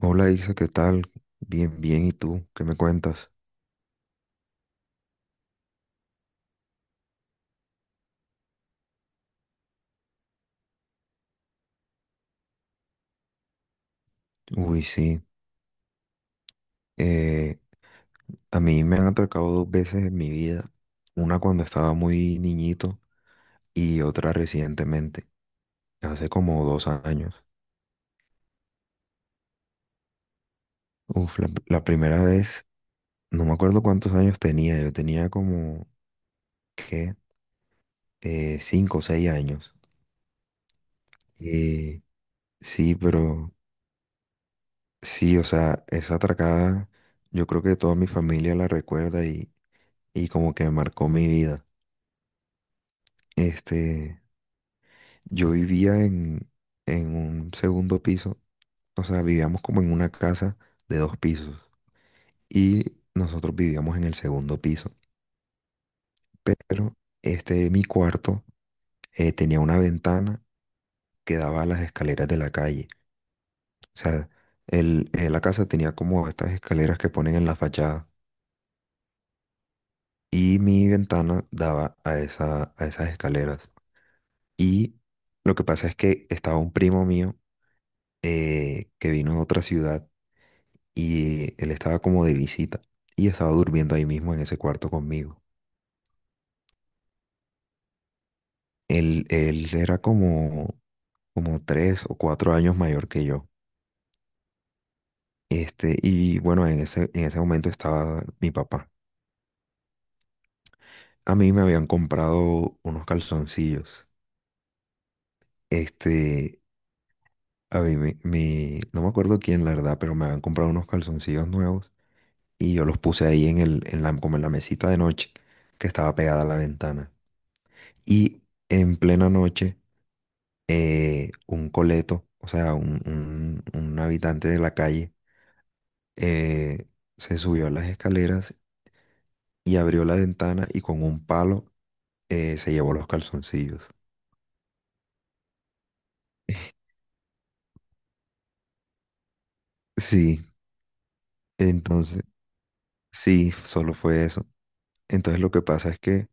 Hola Isa, ¿qué tal? Bien, bien, ¿y tú? ¿Qué me cuentas? Uy, sí. eh, a mí me han atracado dos veces en mi vida, una cuando estaba muy niñito y otra recientemente, hace como dos años. Uf, la primera vez, no me acuerdo cuántos años tenía, yo tenía como, ¿qué? Cinco o seis años. Eh, sí, pero sí, o sea, esa atracada, yo creo que toda mi familia la recuerda y como que marcó mi vida. Este, yo vivía en un segundo piso, o sea, vivíamos como en una casa de dos pisos y nosotros vivíamos en el segundo piso, pero este, mi cuarto tenía una ventana que daba a las escaleras de la calle. O sea, la casa tenía como estas escaleras que ponen en la fachada y mi ventana daba a a esas escaleras. Y lo que pasa es que estaba un primo mío, que vino de otra ciudad y él estaba como de visita y estaba durmiendo ahí mismo en ese cuarto conmigo. Él era como, como tres o cuatro años mayor que yo. Este, y bueno, en en ese momento estaba mi papá. A mí me habían comprado unos calzoncillos. Este, a mí, no me acuerdo quién, la verdad, pero me habían comprado unos calzoncillos nuevos y yo los puse ahí en como en la mesita de noche que estaba pegada a la ventana. Y en plena noche, un coleto, o sea, un habitante de la calle, eh, se subió a las escaleras y abrió la ventana y con un palo, se llevó los calzoncillos. Sí, entonces, sí, solo fue eso. Entonces lo que pasa es que,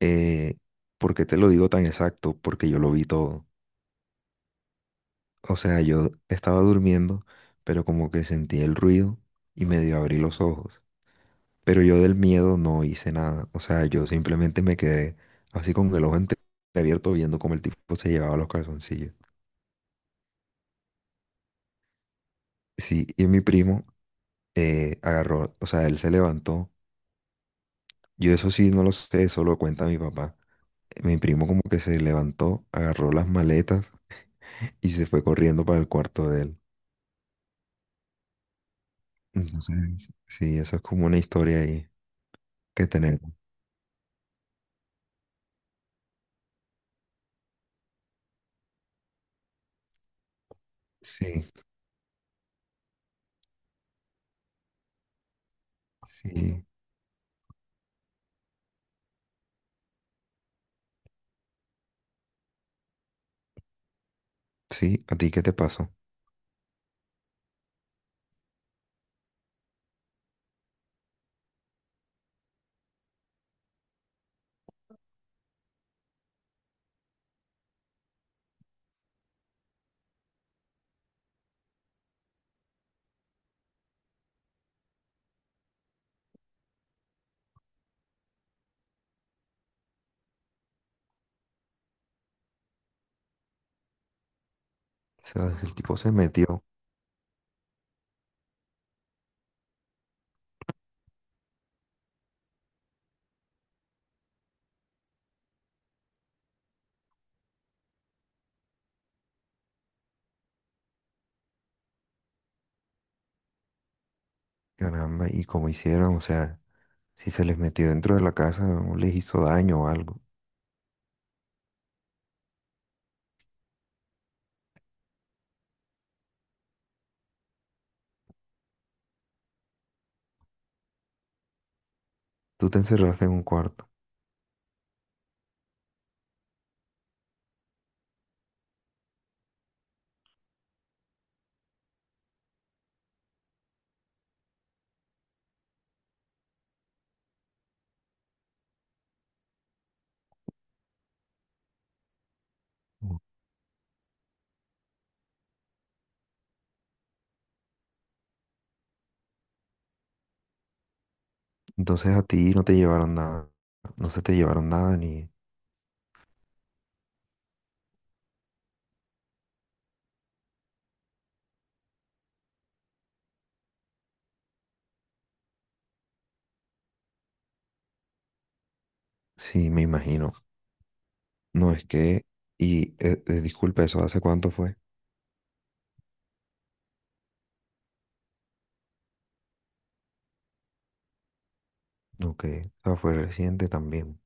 eh, ¿por qué te lo digo tan exacto? Porque yo lo vi todo. O sea, yo estaba durmiendo, pero como que sentí el ruido y medio abrí los ojos. Pero yo del miedo no hice nada. O sea, yo simplemente me quedé así con el ojo entreabierto viendo cómo el tipo se llevaba los calzoncillos. Sí, y mi primo, agarró, o sea, él se levantó. Yo eso sí no lo sé, eso lo cuenta mi papá. Mi primo como que se levantó, agarró las maletas y se fue corriendo para el cuarto de él. Entonces, sí, eso es como una historia ahí que tenemos. Sí, sí, sí, ¿a ti qué te pasó? O sea, el tipo se metió, caramba, y como hicieron, o sea... Si se les metió dentro de la casa o les hizo daño o algo. Tú te encerraste en un cuarto. Mm. Entonces a ti no te llevaron nada. No se te llevaron nada ni... Sí, me imagino. No es que... Y disculpa, ¿eso hace cuánto fue? Ok. O sea, fue reciente también.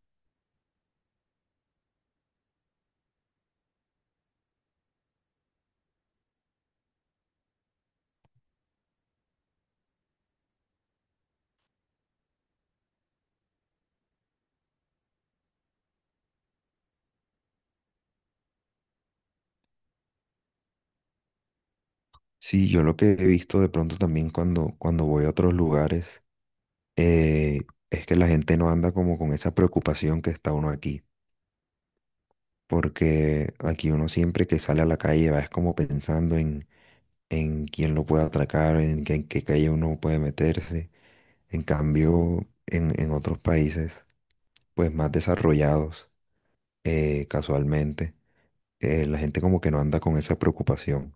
Sí, yo lo que he visto de pronto también cuando, cuando voy a otros lugares, eh, es que la gente no anda como con esa preocupación que está uno aquí. Porque aquí uno siempre que sale a la calle va es como pensando en quién lo puede atracar, en qué calle uno puede meterse. En cambio, en otros países, pues más desarrollados, casualmente, la gente como que no anda con esa preocupación.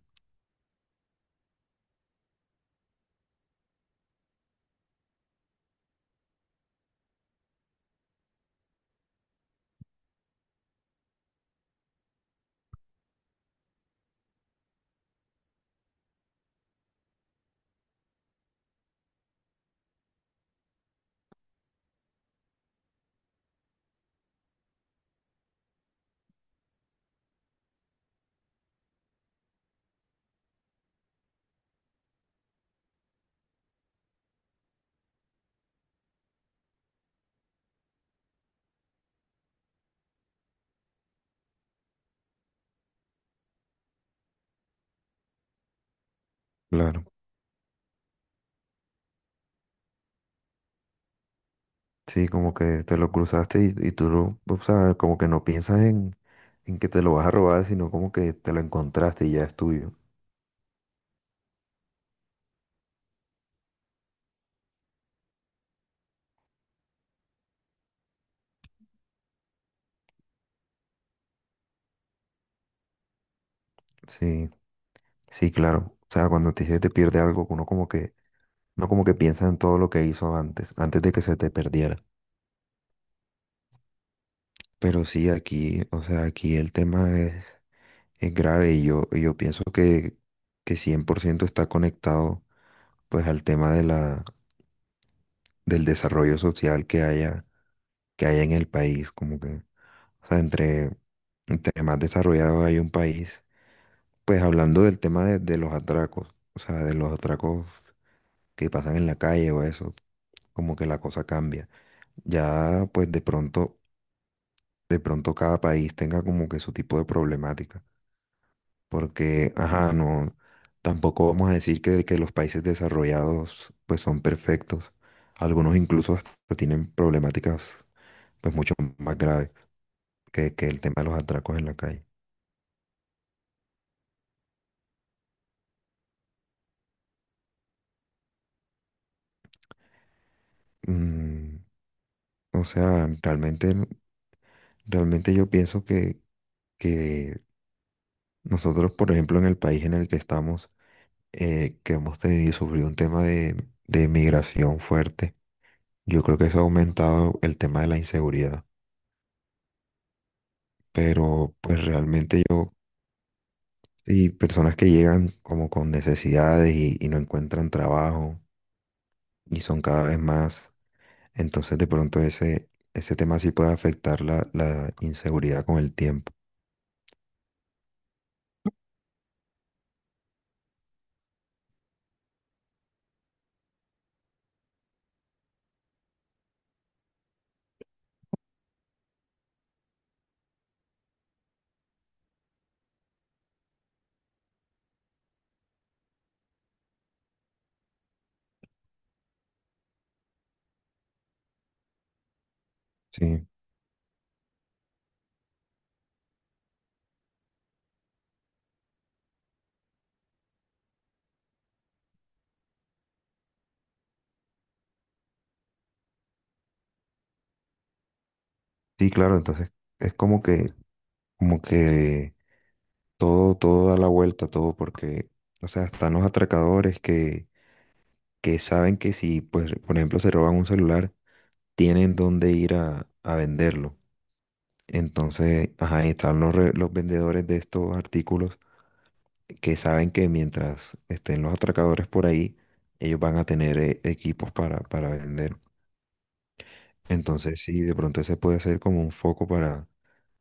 Claro. Sí, como que te lo cruzaste y tú lo, o sea, como que no piensas en que te lo vas a robar, sino como que te lo encontraste y ya es tuyo. Sí, sí, claro. O sea, cuando te, se te pierde algo, uno como que, no como que piensa en todo lo que hizo antes, antes de que se te perdiera. Pero sí, aquí, o sea, aquí el tema es grave y y yo pienso que 100% está conectado pues al tema de del desarrollo social que haya en el país, como que, o sea, entre más desarrollado hay un país, pues hablando del tema de los atracos, o sea, de los atracos que pasan en la calle o eso, como que la cosa cambia. Ya pues de pronto cada país tenga como que su tipo de problemática. Porque, ajá, no, tampoco vamos a decir que los países desarrollados pues son perfectos. Algunos incluso hasta tienen problemáticas pues mucho más graves que el tema de los atracos en la calle. Mm, o sea, realmente yo pienso que nosotros, por ejemplo, en el país en el que estamos, que hemos tenido y sufrido un tema de migración fuerte, yo creo que eso ha aumentado el tema de la inseguridad. Pero pues realmente yo. Y personas que llegan como con necesidades y no encuentran trabajo y son cada vez más. Entonces de pronto ese tema sí puede afectar la inseguridad con el tiempo. Sí, sí, claro, entonces es como que todo, todo da la vuelta, todo, porque, o sea, están los atracadores que saben que si, pues, por ejemplo, se roban un celular, tienen dónde ir a venderlo. Entonces, ajá, y están los vendedores de estos artículos que saben que mientras estén los atracadores por ahí, ellos van a tener equipos para vender. Entonces, sí, de pronto ese puede ser como un foco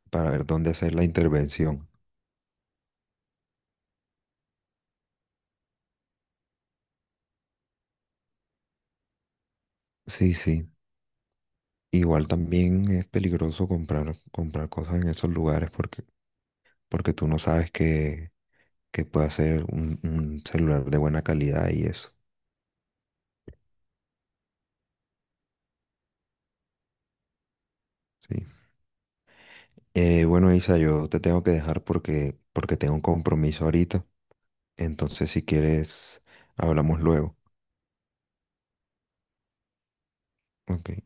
para ver dónde hacer la intervención. Sí, sí. Igual también es peligroso comprar, comprar cosas en esos lugares porque, porque tú no sabes que pueda ser un celular de buena calidad y eso. Sí. Bueno, Isa, yo te tengo que dejar porque, porque tengo un compromiso ahorita. Entonces, si quieres, hablamos luego. Ok.